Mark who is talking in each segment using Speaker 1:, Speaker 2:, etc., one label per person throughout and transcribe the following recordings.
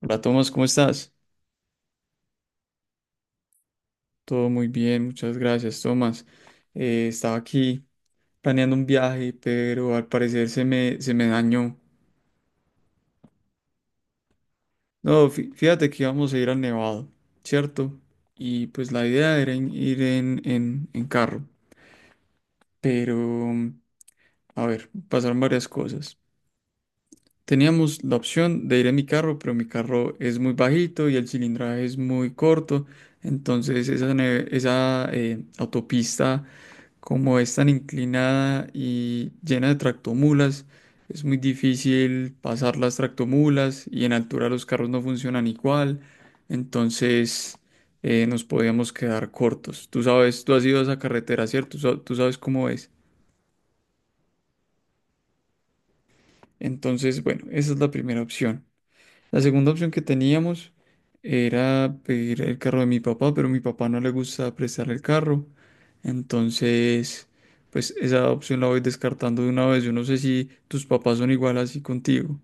Speaker 1: Hola Tomás, ¿cómo estás? Todo muy bien, muchas gracias Tomás. Estaba aquí planeando un viaje, pero al parecer se me dañó. No, fíjate que íbamos a ir al Nevado, ¿cierto? Y pues la idea era ir en carro, pero a ver, pasaron varias cosas. Teníamos la opción de ir en mi carro, pero mi carro es muy bajito y el cilindraje es muy corto, entonces esa autopista, como es tan inclinada y llena de tractomulas, es muy difícil pasar las tractomulas, y en altura los carros no funcionan igual. Entonces nos podíamos quedar cortos. Tú sabes, tú has ido a esa carretera, ¿cierto? Tú sabes cómo es. Entonces, bueno, esa es la primera opción. La segunda opción que teníamos era pedir el carro de mi papá, pero a mi papá no le gusta prestar el carro. Entonces, pues esa opción la voy descartando de una vez. Yo no sé si tus papás son igual así contigo.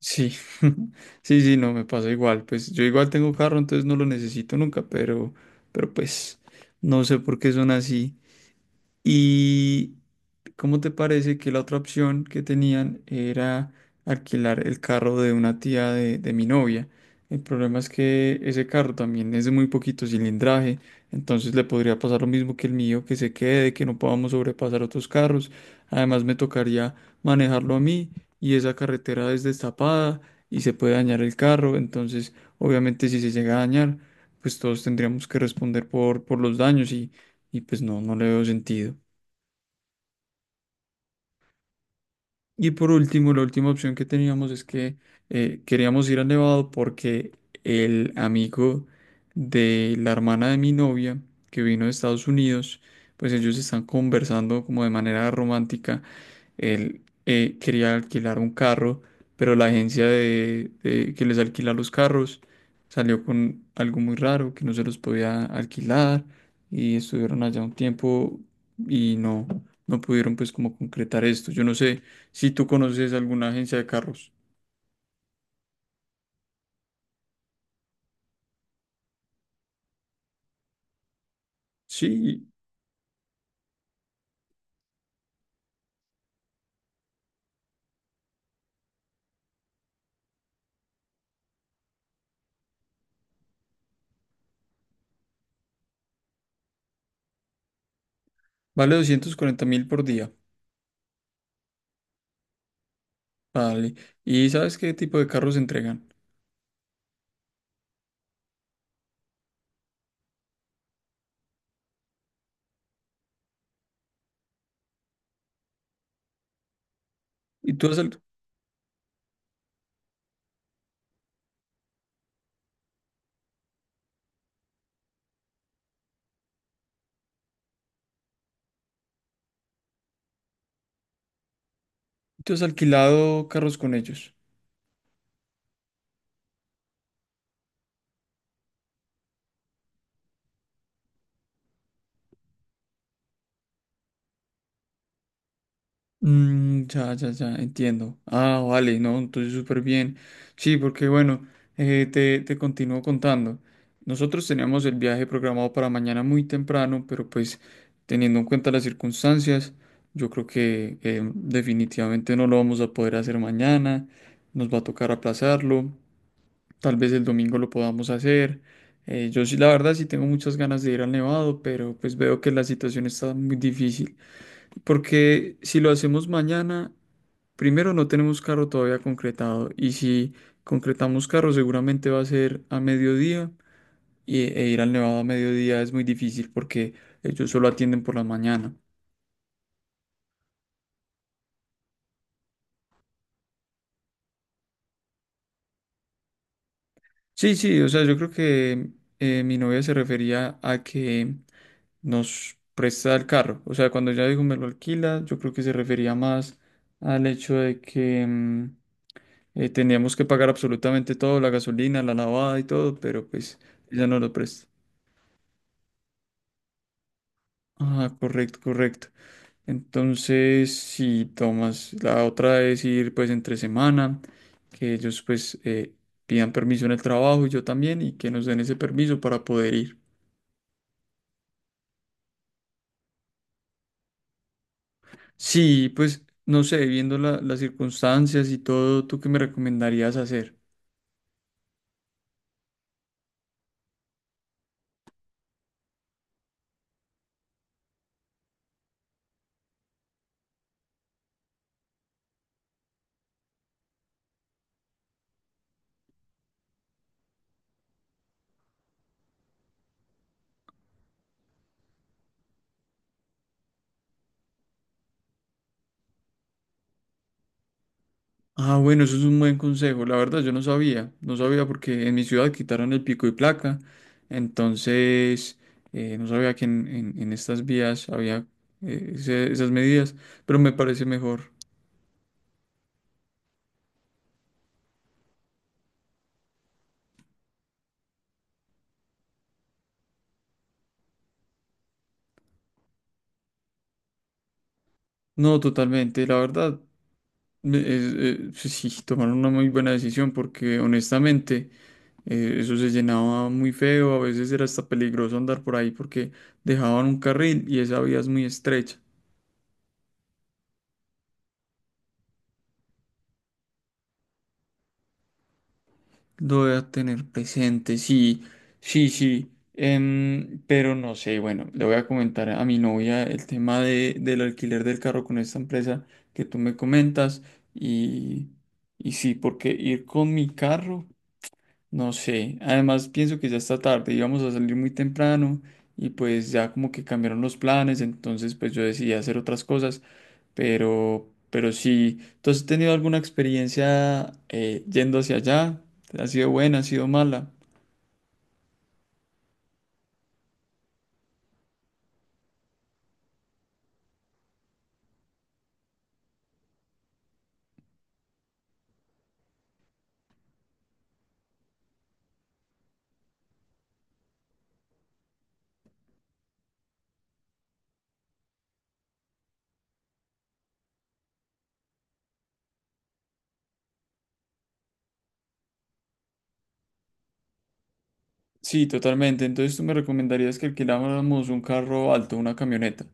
Speaker 1: Sí, sí, sí, no, me pasa igual. Pues yo igual tengo carro, entonces no lo necesito nunca, pero, pero pues, no sé por qué son así. Y ¿cómo te parece que la otra opción que tenían era alquilar el carro de una tía de mi novia? El problema es que ese carro también es de muy poquito cilindraje, entonces le podría pasar lo mismo que el mío, que se quede, que no podamos sobrepasar otros carros. Además me tocaría manejarlo a mí, y esa carretera es destapada y se puede dañar el carro. Entonces, obviamente, si se llega a dañar, pues todos tendríamos que responder por los daños, y pues no, no le veo sentido. Y por último, la última opción que teníamos es que queríamos ir a Nevado porque el amigo de la hermana de mi novia, que vino de Estados Unidos, pues ellos están conversando como de manera romántica. Él quería alquilar un carro, pero la agencia de que les alquila los carros salió con algo muy raro, que no se los podía alquilar, y estuvieron allá un tiempo y no, no pudieron pues como concretar esto. Yo no sé. Si tú conoces alguna agencia de carros, sí, vale 240.000 por día. Vale. ¿Y sabes qué tipo de carros entregan? ¿Y tú has alquilado carros con ellos? Mm, ya, ya, ya, entiendo. Ah, vale, no, entonces súper bien. Sí, porque bueno, te continúo contando. Nosotros teníamos el viaje programado para mañana muy temprano, pero pues teniendo en cuenta las circunstancias, yo creo que definitivamente no lo vamos a poder hacer mañana. Nos va a tocar aplazarlo. Tal vez el domingo lo podamos hacer. Yo sí, la verdad, sí tengo muchas ganas de ir al Nevado, pero pues veo que la situación está muy difícil. Porque si lo hacemos mañana, primero no tenemos carro todavía concretado. Y si concretamos carro, seguramente va a ser a mediodía. E ir al Nevado a mediodía es muy difícil porque ellos solo atienden por la mañana. Sí, sí, o sea, yo creo que mi novia se refería a que nos presta el carro. O sea, cuando ella dijo me lo alquila, yo creo que se refería más al hecho de que teníamos que pagar absolutamente todo, la gasolina, la lavada y todo, pero pues ella no lo presta. Ah, correcto, correcto. Entonces, si tomas, la otra es ir pues entre semana, que ellos pues pidan permiso en el trabajo y yo también, y que nos den ese permiso para poder ir. Sí, pues no sé, viendo las circunstancias y todo, ¿tú qué me recomendarías hacer? Ah, bueno, eso es un buen consejo. La verdad, yo no sabía, no sabía, porque en mi ciudad quitaron el pico y placa, entonces no sabía que en estas vías había esas medidas, pero me parece mejor. No, totalmente, la verdad, sí, sí, tomaron una muy buena decisión porque honestamente… Eso se llenaba muy feo, a veces era hasta peligroso andar por ahí porque dejaban un carril y esa vía es muy estrecha. Lo voy a tener presente, sí, sí, sí. Pero no sé, bueno, le voy a comentar a mi novia el tema del alquiler del carro con esta empresa que tú me comentas, y, y sí, porque ir con mi carro. No sé, además pienso que ya está tarde, íbamos a salir muy temprano, y pues ya como que cambiaron los planes, entonces pues yo decidí hacer otras cosas. Pero sí, ¿tú has tenido alguna experiencia yendo hacia allá? ¿Ha sido buena, ha sido mala? Sí, totalmente. Entonces, ¿tú me recomendarías que alquiláramos un carro alto, una camioneta?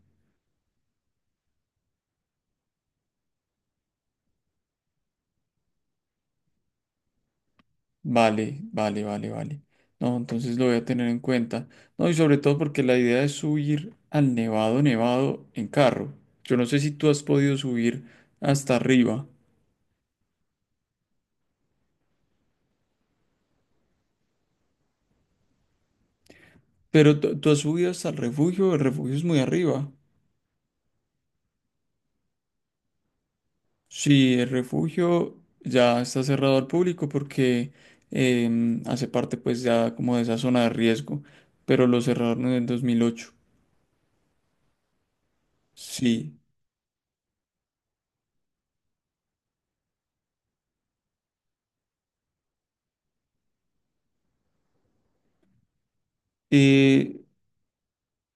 Speaker 1: Vale, vale, vale, vale. No, entonces lo voy a tener en cuenta. No, y sobre todo porque la idea es subir al Nevado Nevado en carro. Yo no sé si tú has podido subir hasta arriba, pero tú has subido hasta el Refugio. El Refugio es muy arriba. Sí, el Refugio ya está cerrado al público porque hace parte pues ya como de esa zona de riesgo, pero lo cerraron en el 2008. Sí. Eh,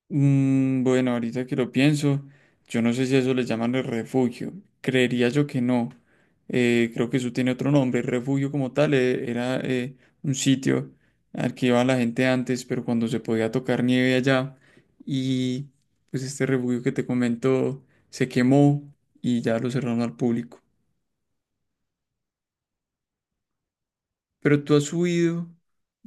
Speaker 1: Bueno, ahorita que lo pienso, yo no sé si a eso le llaman el Refugio. Creería yo que no. Creo que eso tiene otro nombre. El Refugio como tal era un sitio al que iba la gente antes, pero cuando se podía tocar nieve allá. Y pues este refugio que te comento se quemó, y ya lo cerraron al público. Pero ¿tú has subido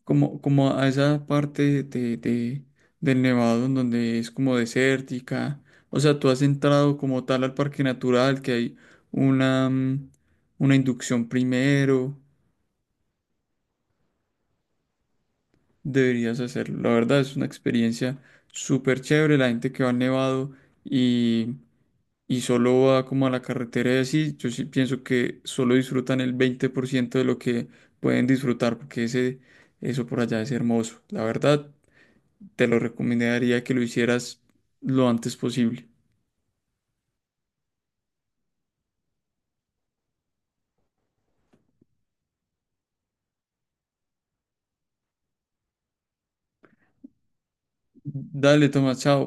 Speaker 1: como a esa parte del Nevado en donde es como desértica? O sea, ¿tú has entrado como tal al parque natural, que hay una, una inducción primero? Deberías hacerlo. La verdad es una experiencia súper chévere. La gente que va al Nevado y, y solo va como a la carretera y así, yo sí pienso que solo disfrutan el 20% de lo que pueden disfrutar, porque ese, eso por allá es hermoso. La verdad, te lo recomendaría que lo hicieras lo antes posible. Dale, Tomás, chao.